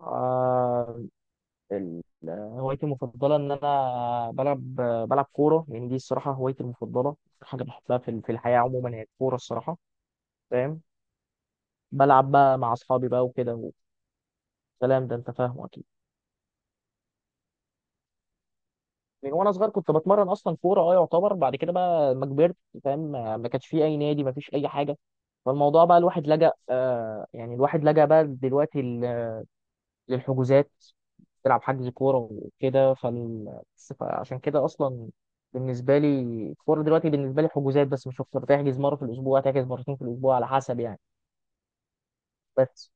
آه، ال- هوايتي المفضلة إن أنا بلعب كورة، يعني دي الصراحة هوايتي المفضلة، حاجة بحبها في الحياة عموما هي الكورة الصراحة. فاهم، بلعب بقى مع أصحابي بقى وكده، والكلام ده أنت فاهمه أكيد. من وأنا صغير كنت بتمرن أصلا كورة، أه يعتبر، بعد كده بقى ما كبرت فاهم، ما كانش فيه أي نادي، ما فيش أي حاجة. فالموضوع بقى الواحد لجأ، يعني الواحد لجأ بقى دلوقتي للحجوزات، تلعب حجز كورة وكده. فعشان كده أصلا بالنسبة لي، الكورة دلوقتي بالنسبة لي حجوزات بس مش أكتر، تحجز مرة في الأسبوع، تحجز مرتين في الأسبوع، على حسب يعني. بس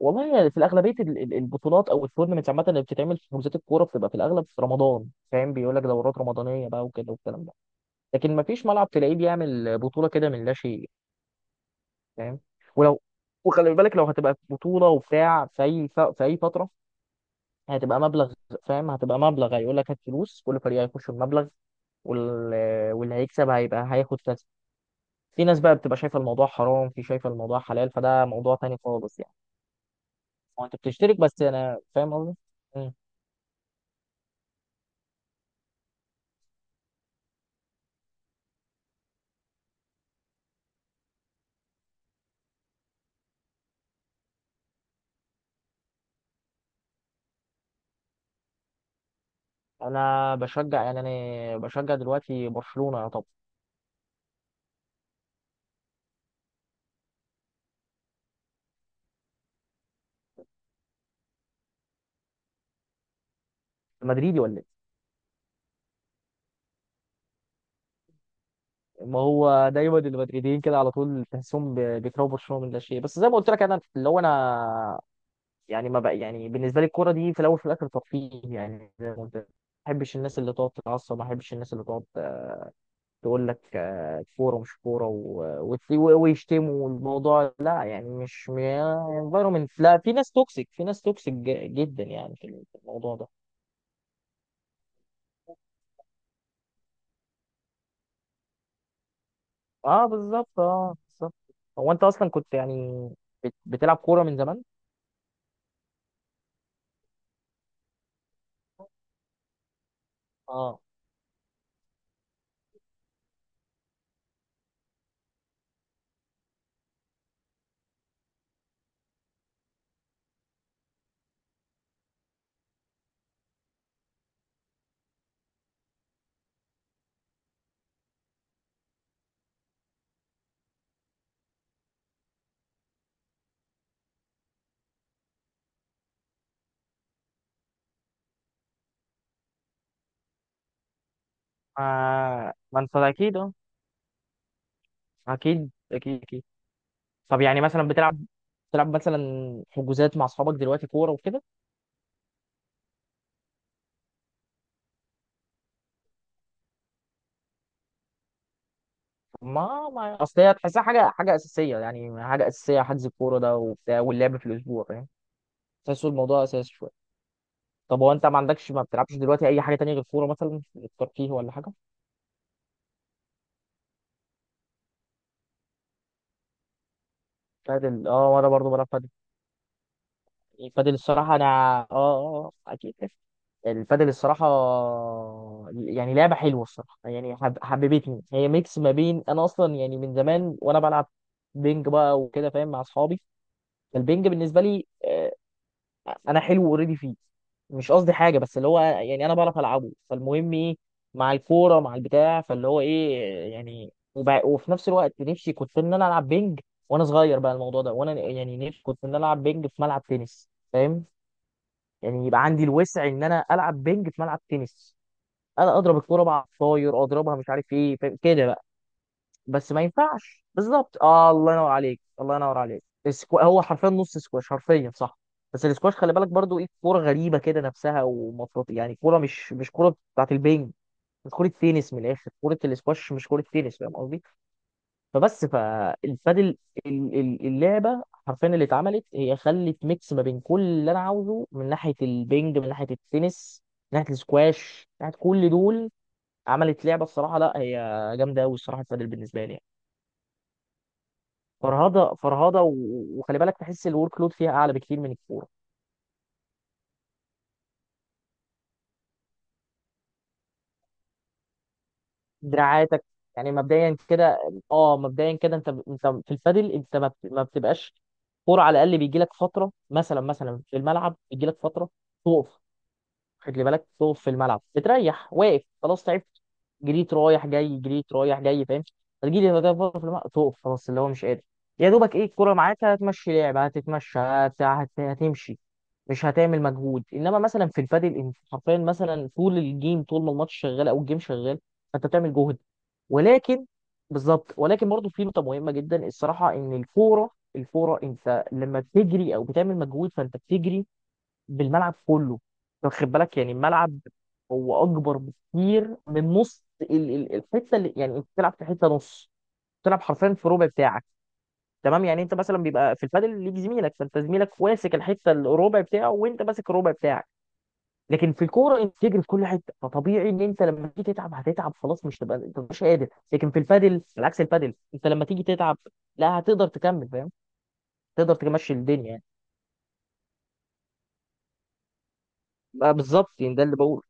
والله في الأغلبية البطولات أو التورنمنتس عامة، اللي بتتعمل في حجوزات الكورة بتبقى في الأغلب في رمضان. فاهم، بيقول لك دورات رمضانية بقى وكده والكلام ده، لكن ما فيش ملعب تلاقيه بيعمل بطولة كده من لا شيء. فاهم، ولو، وخلي بالك لو هتبقى بطولة وبتاع في أي في أي فترة، هتبقى مبلغ. فاهم، هتبقى مبلغ، هيقول لك هات فلوس، كل فريق هيخش بمبلغ، واللي هيكسب هيبقى هياخد كذا. في ناس بقى بتبقى شايفه الموضوع حرام، في شايفه الموضوع حلال، فده موضوع تاني خالص يعني. هو انت بتشترك، بس انا فاهم قصدي. مم. انا بشجع، يعني انا بشجع دلوقتي برشلونه، يا طب. مدريدي ولا ايه؟ ما هو دايما المدريديين كده على طول تحسهم بيكرهوا برشلونه من لا شيء، بس زي ما قلت لك انا اللي هو انا يعني ما بقى يعني بالنسبه لي الكوره دي في الاول في الاخر ترفيه، يعني زي ما قلت لك. ما بحبش الناس اللي تقعد تتعصب، ما بحبش الناس اللي تقعد تقول لك آه، كوره مش كوره، ويشتموا الموضوع، لا يعني مش انفايرمنت. لا، في ناس توكسيك، في ناس توكسيك جدا يعني في الموضوع ده. اه بالظبط، اه بالظبط. هو انت اصلا كنت يعني بتلعب كوره من زمان؟ اه، آه، ما انت اكيد اه، اكيد اكيد اكيد. طب يعني مثلا بتلعب، بتلعب مثلا حجوزات مع اصحابك دلوقتي كوره وكده؟ ما اصل هي تحسها حاجه، حاجه اساسيه، يعني حاجه اساسيه حجز الكوره ده وبتاع واللعب في الاسبوع فاهم، تحسوا الموضوع اساسي شويه. طب هو انت ما عندكش، ما بتلعبش دلوقتي اي حاجه تانية غير الكوره مثلا الترفيه، ولا حاجه؟ بتاعت وانا برضه بلعب البادل. الصراحة أنا آه، آه، آه، أكيد البادل الصراحة، يعني لعبة حلوة الصراحة، يعني حببتني، هي ميكس ما بين، أنا أصلا يعني من زمان وأنا بلعب بينج بقى وكده فاهم، مع أصحابي. فالبينج بالنسبة لي آه، أنا حلو أوريدي فيه، مش قصدي حاجة، بس اللي هو يعني أنا بعرف ألعبه، فالمهم إيه، مع الكورة مع البتاع، فاللي هو إيه يعني وفي نفس الوقت نفسي كنت إن أنا ألعب بينج، وأنا صغير بقى الموضوع ده، وأنا يعني نفسي كنت إن أنا ألعب بينج في ملعب تنس فاهم، يعني يبقى عندي الوسع ان انا العب بينج في ملعب تنس، انا اضرب الكوره بقى على الطاير اضربها مش عارف ايه فاهم؟ كده بقى. بس ما ينفعش بالظبط. آه، الله ينور عليك، الله ينور عليك. هو حرفيا نص سكواش حرفيا، صح. بس السكواش خلي بالك برضو ايه، كوره غريبه كده نفسها، ومفروض يعني كوره مش كوره بتاعت البينج، مش كوره تنس، من الاخر كوره السكواش مش كوره تنس فاهم قصدي. فبس فالبادل، اللعبه حرفيا اللي اتعملت، هي خلت ميكس ما بين كل اللي انا عاوزه، من ناحيه البنج، من ناحيه التنس، من ناحيه السكواش، من ناحيه كل دول، عملت لعبه الصراحه، لا هي جامده قوي الصراحه البادل بالنسبه لي يعني. فرهضه فرهضه، وخلي بالك تحس الورك لود فيها اعلى بكتير من الكوره، دراعاتك يعني مبدئيا كده. اه، مبدئيا كده، انت انت في البادل انت ما بتبقاش كوره، على الاقل بيجي لك فتره مثلا، مثلا في الملعب بيجي لك فتره تقف. خلي بالك تقف في الملعب، بتريح واقف خلاص تعبت، جريت رايح جاي، جريت رايح جاي فاهم، هتجيلي هدف بره في الملعب تقف خلاص اللي هو مش قادر، يا دوبك ايه الكوره معاك هتمشي لعب، هتتمشى هتمشي، مش هتعمل مجهود. انما مثلا في البادل انت حرفيا مثلا طول الجيم، طول ما الماتش شغال او الجيم شغال، فانت بتعمل جهد. ولكن، بالظبط، ولكن برضه في نقطه مهمه جدا الصراحه، ان الكوره، الكوره انت لما بتجري او بتعمل مجهود فانت بتجري بالملعب كله. أنت واخد بالك يعني الملعب هو اكبر بكتير من نص الحته، اللي يعني انت بتلعب في حته نص، بتلعب حرفيا في ربع بتاعك. تمام، يعني انت مثلا بيبقى في البادل ليك زميلك، فانت زميلك واسك الحته الربع بتاعه، وانت ماسك الربع بتاعك. لكن في الكوره انت تجري في كل حته، فطبيعي ان انت لما تيجي تتعب هتتعب خلاص، مش تبقى انت مش قادر، لكن في البادل، على عكس البادل انت لما تيجي تتعب لا هتقدر تكمل فاهم، تقدر تمشي الدنيا يعني بقى بالظبط، يعني ده اللي بقوله.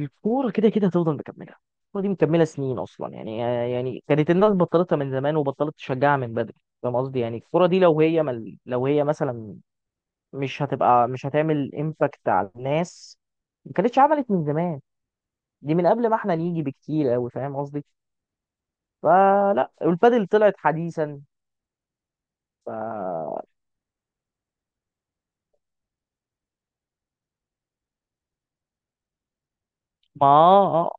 الكورة كده كده هتفضل مكملة، الكورة دي مكملة سنين أصلا يعني، يعني كانت الناس بطلتها من زمان وبطلت تشجعها من بدري فاهم قصدي، يعني الكورة دي لو هي لو هي مثلا مش هتبقى، مش هتعمل امباكت على الناس، ما كانتش عملت من زمان. دي من قبل ما احنا نيجي بكتير أوي فاهم قصدي، فلا، والبادل طلعت حديثا، ف ما. آه آه.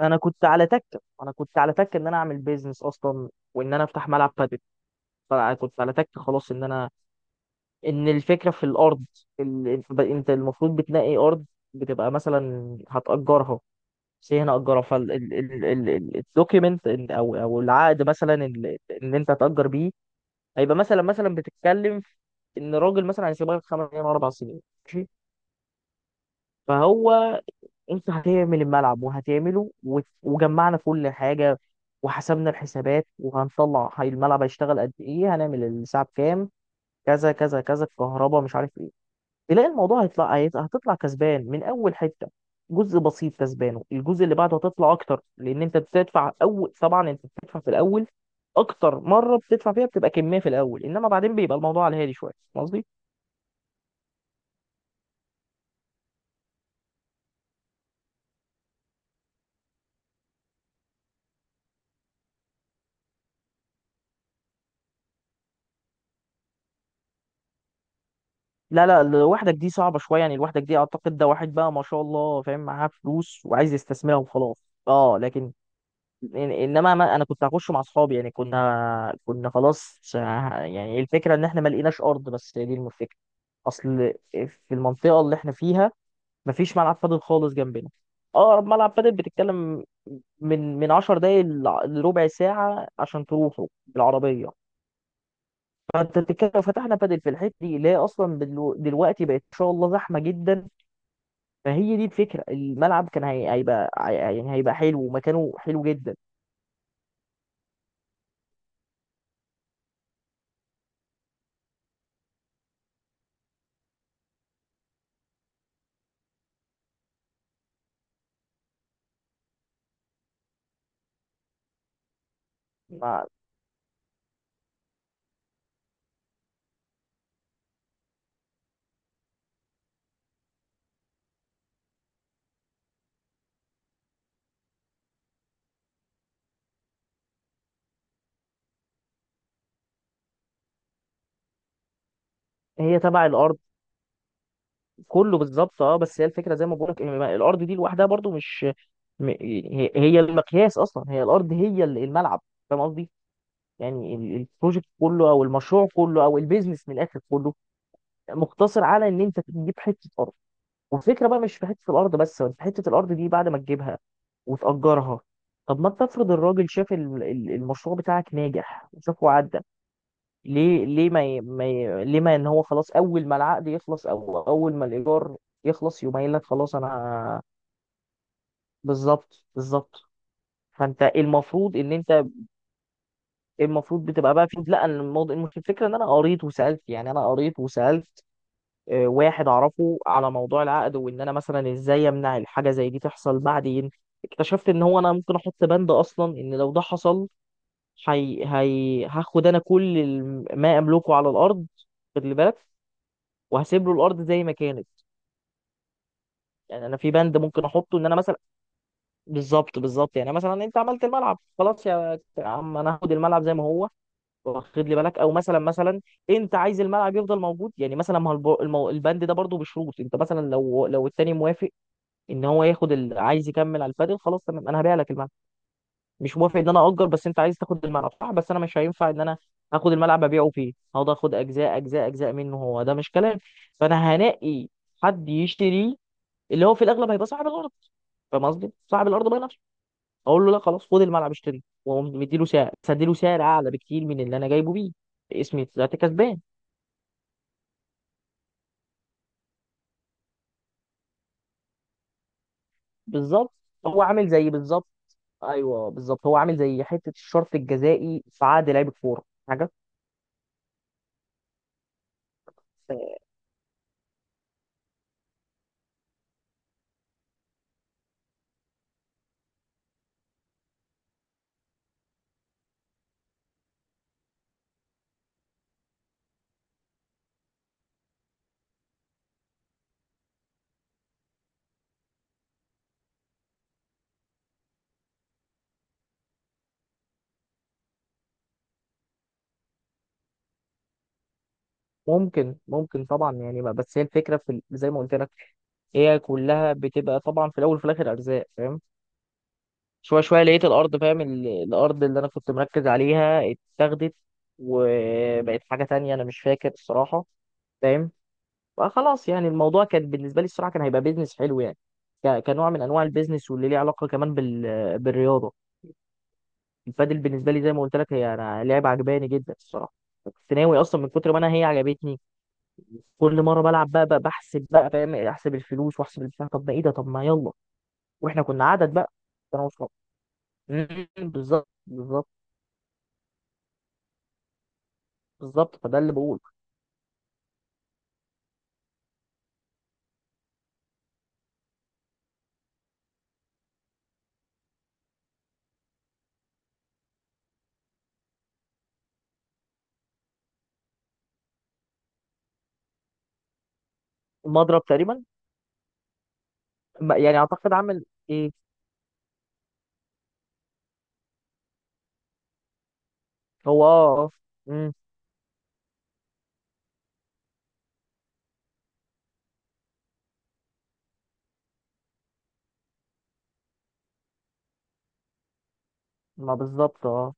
أنا كنت على تكة، أنا كنت على تكة إن أنا أعمل بيزنس أصلا، وإن أنا أفتح ملعب بادل. فكنت على تك خلاص، ان انا، ان الفكره في الارض، انت، أنت المفروض بتنقي ارض، بتبقى مثلا هتأجرها. بس هي هنا أجرها فالدوكيمنت، او او العقد مثلا اللي انت هتأجر بيه، هيبقى مثلا، مثلا بتتكلم في ان راجل مثلا هيسيبها لك خمس سنين ولا اربع سنين، ماشي. فهو، انت هتعمل الملعب وهتعمله، وجمعنا كل حاجه، وحسبنا الحسابات وهنطلع، هي الملعب هيشتغل قد ايه، هنعمل الساعه بكام، كذا كذا كذا، الكهرباء مش عارف ايه. تلاقي الموضوع هيطلع هتطلع كسبان من اول حته، جزء بسيط كسبانه، الجزء اللي بعده هتطلع اكتر، لان انت بتدفع اول، طبعا انت بتدفع في الاول، اكتر مره بتدفع فيها بتبقى كميه في الاول، انما بعدين بيبقى الموضوع على الهادي شويه فاهم قصدي. لا لا، لوحدك دي صعبه شويه يعني، لوحدك دي اعتقد ده واحد بقى ما شاء الله فاهم، معاه فلوس وعايز يستثمرها وخلاص اه، لكن يعني، انما ما انا كنت هخش مع اصحابي، يعني كنا خلاص ه-، يعني الفكره ان احنا ما لقيناش ارض، بس هي دي الفكره، اصل في المنطقه اللي احنا فيها ما فيش ملعب بادل خالص جنبنا. اقرب ملعب بادل بتتكلم من 10 دقايق لربع ساعه عشان تروحوا بالعربيه. فانت بتتكلم لو فتحنا بادل في الحته دي اللي هي اصلا دلوقتي بقت ان شاء الله زحمه جدا، فهي دي الفكره، الملعب كان يعني هيبقى حلو ومكانه حلو جدا. ما- هي تبع الارض كله بالظبط اه، بس هي الفكره زي ما بقول لك الارض دي لوحدها برضو مش، هي هي المقياس اصلا، هي الارض هي الملعب فاهم قصدي، يعني البروجكت كله او المشروع كله او البيزنس من الاخر كله مقتصر على ان انت تجيب حته ارض، والفكره بقى مش في حته الارض بس، في حته الارض دي بعد ما تجيبها وتاجرها. طب ما انت افرض الراجل شاف المشروع بتاعك ناجح وشافه عدى، ليه، ليه ما ي... ما ي... ليه ما ان هو خلاص اول ما العقد يخلص او اول ما الايجار يخلص يقوم قايل لك خلاص انا، بالظبط بالظبط. فانت المفروض ان انت المفروض بتبقى بقى في، لا أنا الموضوع الفكره ان انا قريت وسالت، يعني انا قريت وسالت آه، واحد اعرفه على موضوع العقد، وان انا مثلا ازاي امنع الحاجه زي دي تحصل بعدين. اكتشفت ان هو انا ممكن احط بند اصلا، ان لو ده حصل، هاخد انا كل ما املكه على الارض، خد لي بالك، وهسيب له الارض زي ما كانت. يعني انا في بند ممكن احطه ان انا مثلا، بالظبط بالظبط، يعني مثلا انت عملت الملعب خلاص يا عم انا هاخد الملعب زي ما هو، واخد لي بالك. او مثلا، مثلا انت عايز الملعب يفضل موجود يعني مثلا، ما هو البند ده برضه بشروط، انت مثلا لو التاني موافق ان هو ياخد عايز يكمل على الفاضل خلاص تمام، انا هبيع لك الملعب. مش موافق ان انا اجر بس انت عايز تاخد الملعب صح، بس انا مش هينفع ان انا هاخد الملعب ابيعه فيه، هقعد اخد اجزاء اجزاء اجزاء منه، هو ده مش كلام. فانا هنقي حد يشتريه، اللي هو في الاغلب هيبقى صاحب الارض فاهم قصدي؟ صاحب الارض بقى نفسه، اقول له لا خلاص خد الملعب اشتري، واقوم مديله سعر، بس اديله سعر اعلى بكتير من اللي انا جايبه بيه، اسمي طلعت كسبان. بالظبط، هو عامل زي بالظبط، ايوه بالظبط هو عامل زي حته الشرط الجزائي في عقد لعيب الكوره حاجه. ممكن ممكن طبعا يعني، بس هي الفكره في زي ما قلت لك هي كلها بتبقى طبعا في الاول وفي الاخر ارزاق فاهم. شوية شوية لقيت الأرض فاهم، الأرض اللي أنا كنت مركز عليها اتاخدت وبقت حاجة تانية أنا مش فاكر الصراحة فاهم. فخلاص يعني الموضوع كان بالنسبة لي الصراحة كان هيبقى بيزنس حلو يعني، كنوع من أنواع البيزنس واللي ليه علاقة كمان بالرياضة. البادل بالنسبة لي زي ما قلت لك، هي أنا لعبة عجباني جدا الصراحة، كنت ناوي أصلا من كتر ما أنا هي عجبتني، كل مرة بلعب بقى, بحسب بقى فاهم، أحسب الفلوس وأحسب البتاع، طب ما إيه ده، طب ما يلا، وإحنا كنا عدد بقى أنا وأصحابي. أمم، بالظبط بالظبط، بالظبط فده اللي بقول. المضرب تقريبا، يعني اعتقد عامل ايه. هو اه اه، امم. ما بالظبط اه،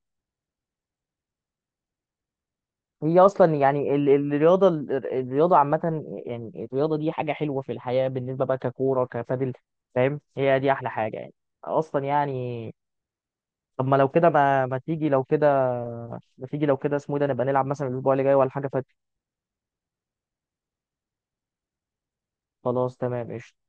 هي اصلا يعني الرياضه الرياضه عامه، يعني الرياضه دي حاجه حلوه في الحياه، بالنسبه بقى ككوره كبادل فاهم، هي دي احلى حاجه يعني اصلا يعني. طب ما لو كده، ما تيجي لو كده، ما تيجي لو كده اسمه إيه ده نبقى نلعب مثلا الاسبوع اللي جاي ولا حاجه فات. خلاص تمام قشطه.